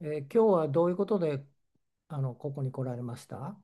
今日はどういうことで、ここに来られました。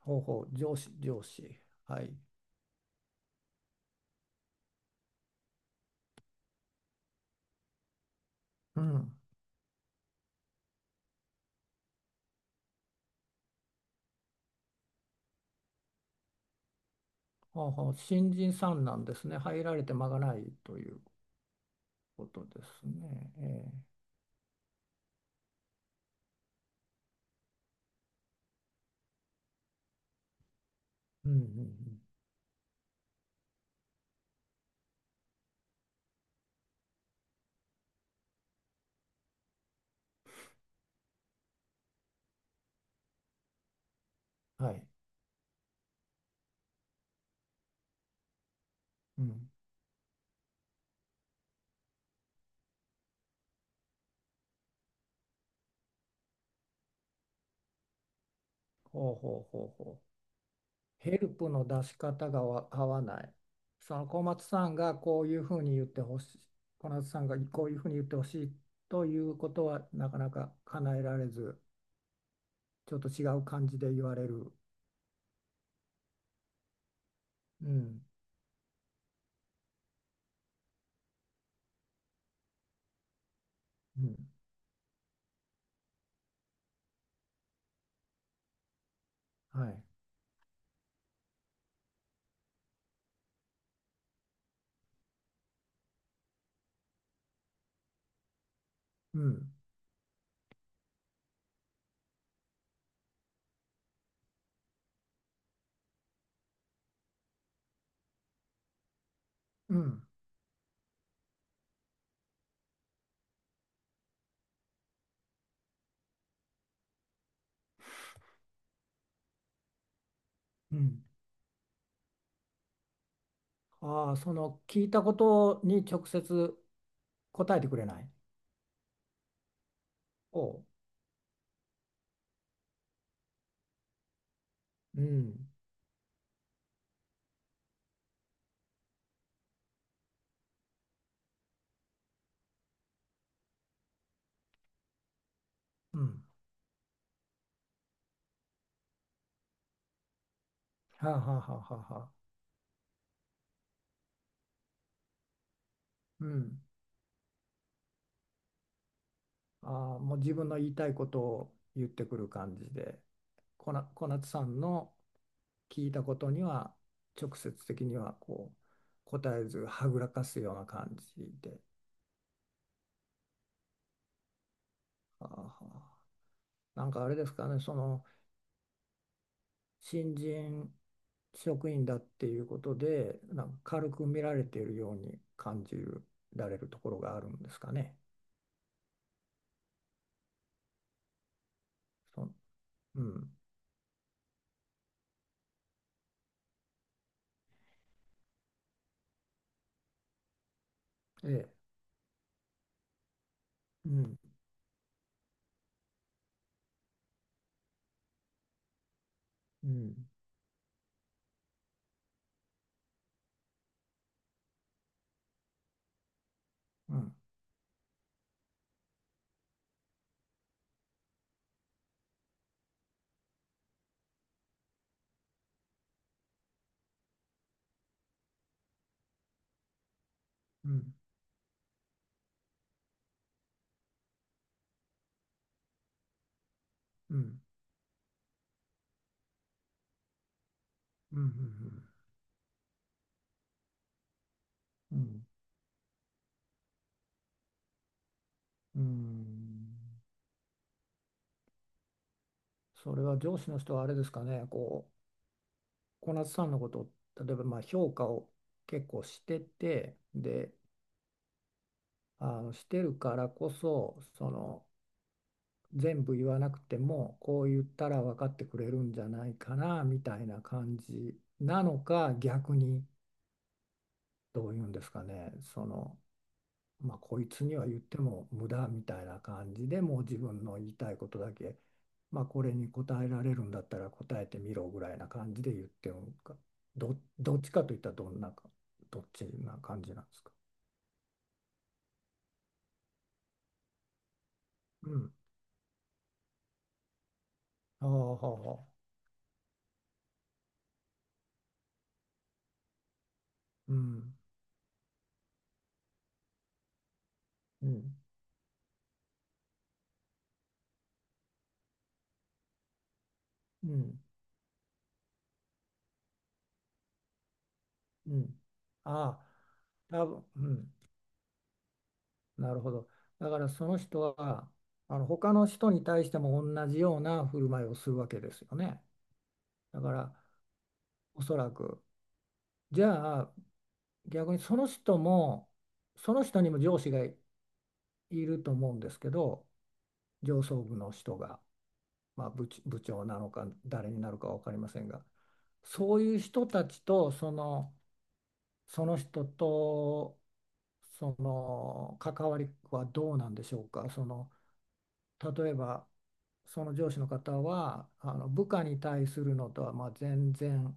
ほうほう、上司、上司。はい。うん。ほうほう、新人さんなんですね。入られて間がないということですね。うんうんうん。はい。うん。ほうほうほうほう。ヘルプの出し方が合わない。その小松さんがこういうふうに言ってほしい。小松さんがこういうふうに言ってほしいということはなかなか叶えられず、ちょっと違う感じで言われる。うん。うん。はい。うん。うん。うん。ああ、その聞いたことに直接答えてくれない。お、う。うん。うん。はあ、はあはあはあはあ。うん。ああ、もう自分の言いたいことを言ってくる感じで、小夏さんの聞いたことには直接的にはこう答えずはぐらかすような感じで。はあはあ、なんかあれですかね、その新人職員だっていうことで、なんか軽く見られているように感じられるところがあるんですかね。そんうん、ええ、うん、うん、うん、うん、うん、うん、うん、うん、うんうん。それは上司の人はあれですかね、こう、小夏さんのことを、例えばまあ評価を結構してて、で、してるからこそ、その、全部言わなくてもこう言ったら分かってくれるんじゃないかなみたいな感じなのか、逆にどういうんですかね、その、まあ、こいつには言っても無駄みたいな感じでもう自分の言いたいことだけ、まあ、これに答えられるんだったら答えてみろぐらいな感じで言ってるのか、どっちかといったらどんなかどっちな感じなんですか？うん、ああ、はあはあ、うん、うん、うん、うん。ああ、多分、うん、なるほど。だからその人は他の人に対しても同じような振る舞いをするわけですよね。だから、おそらくじゃあ逆にその人もその人にも上司がいると思うんですけど、上層部の人が、まあ、部長なのか誰になるか分かりませんが、そういう人たちとその人とその関わりはどうなんでしょうか。その、例えばその上司の方は部下に対するのとはまあ全然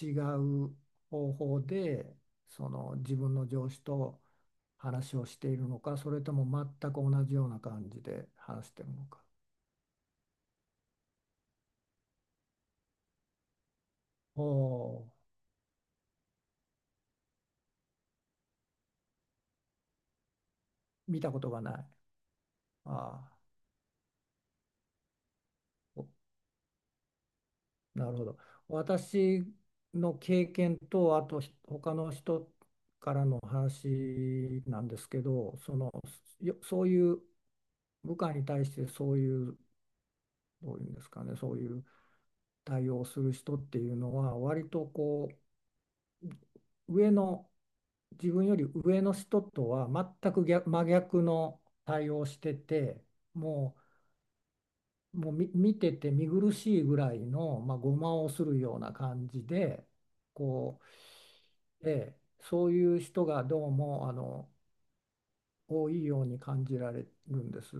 違う方法でその自分の上司と話をしているのか、それとも全く同じような感じで話しているのか。おお、見たことがない。ああ、おなるほど。私の経験とあと他の人の話なんですけど、その、そういう部下に対してそういうどういうんですかね、そういう対応する人っていうのは割とこう上の、自分より上の人とは全く真逆の対応してて、ももう見てて見苦しいぐらいの、まあ、ごまをするような感じでこう、ええ、そういう人がどうも多いように感じられるんです。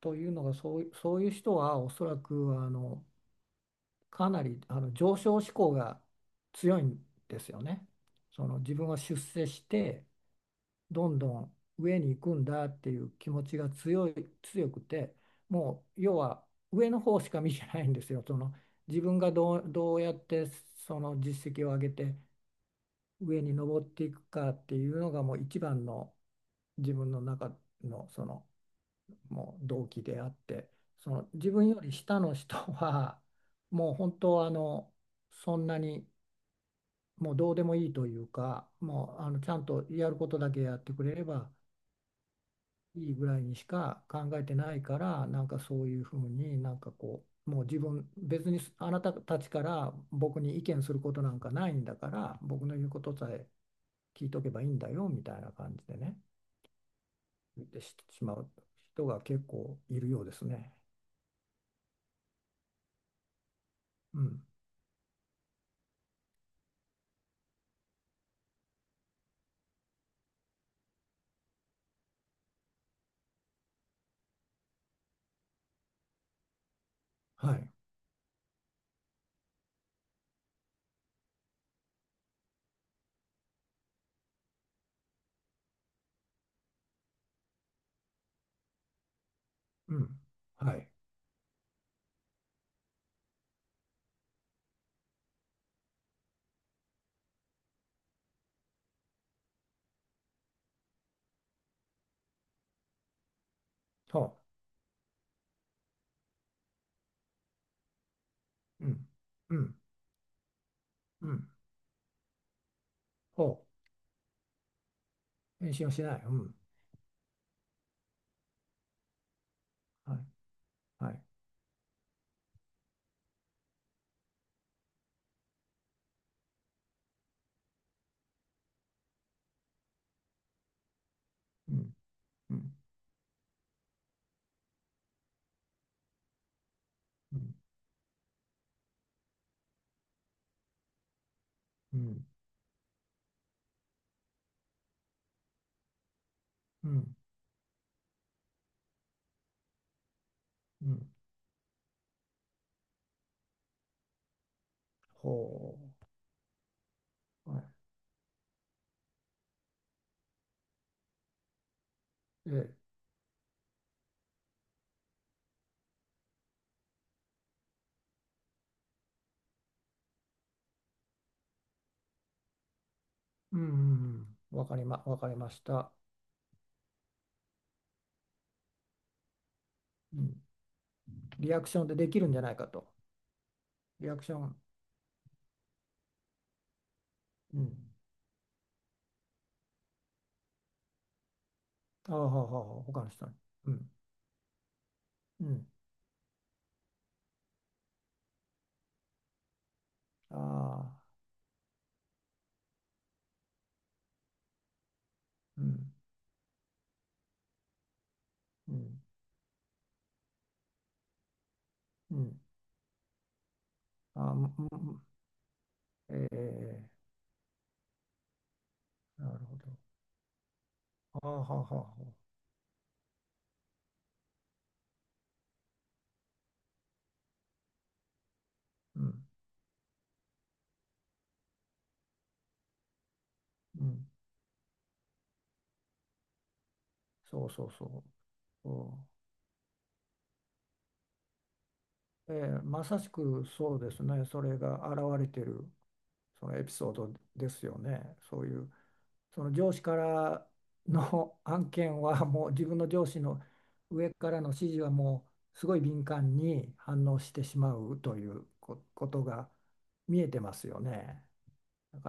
というのがそういう人はおそらくあのかなり上昇志向が強いんですよね。その自分は出世してどんどん上に行くんだっていう気持ちが強くて、もう要は上の方しか見てないんですよ。その自分がどうやってその実績を上げて上に上っていくかっていうのがもう一番の自分の中のその、もう動機であって、その自分より下の人はもう本当はそんなにもうどうでもいいというか、もうちゃんとやることだけやってくれればいいぐらいにしか考えてないから、なんかそういうふうになんかこう、もう自分、別にあなたたちから僕に意見することなんかないんだから、僕の言うことさえ聞いとけばいいんだよみたいな感じでね、言ってしまう人が結構いるようですね。うん。はい。うん。はい。ほう。うん。うん。うん。ほう。返信をしない。うん。はい。はい。うん。うん、うん、うん、うん、うん。ほう。はい。ええ、うん、うん、うん。わかりました。うん。リアクションでできるんじゃないかと。リアクション。うん。ああ、はあ、はあ、はあ、他の人に。うん、うん。ああ、うん、うん、うん。ああ、うん、うん、ええ、なるほど。ああ、はあ、はあ、はあ、うん、うん。そうそうそう。そう、ええ、まさしくそうですね。それが現れてる。そのエピソードですよね。そういう、その上司からの 案件はもう自分の上司の上からの指示はもうすごい敏感に反応してしまうということが見えてますよね。だか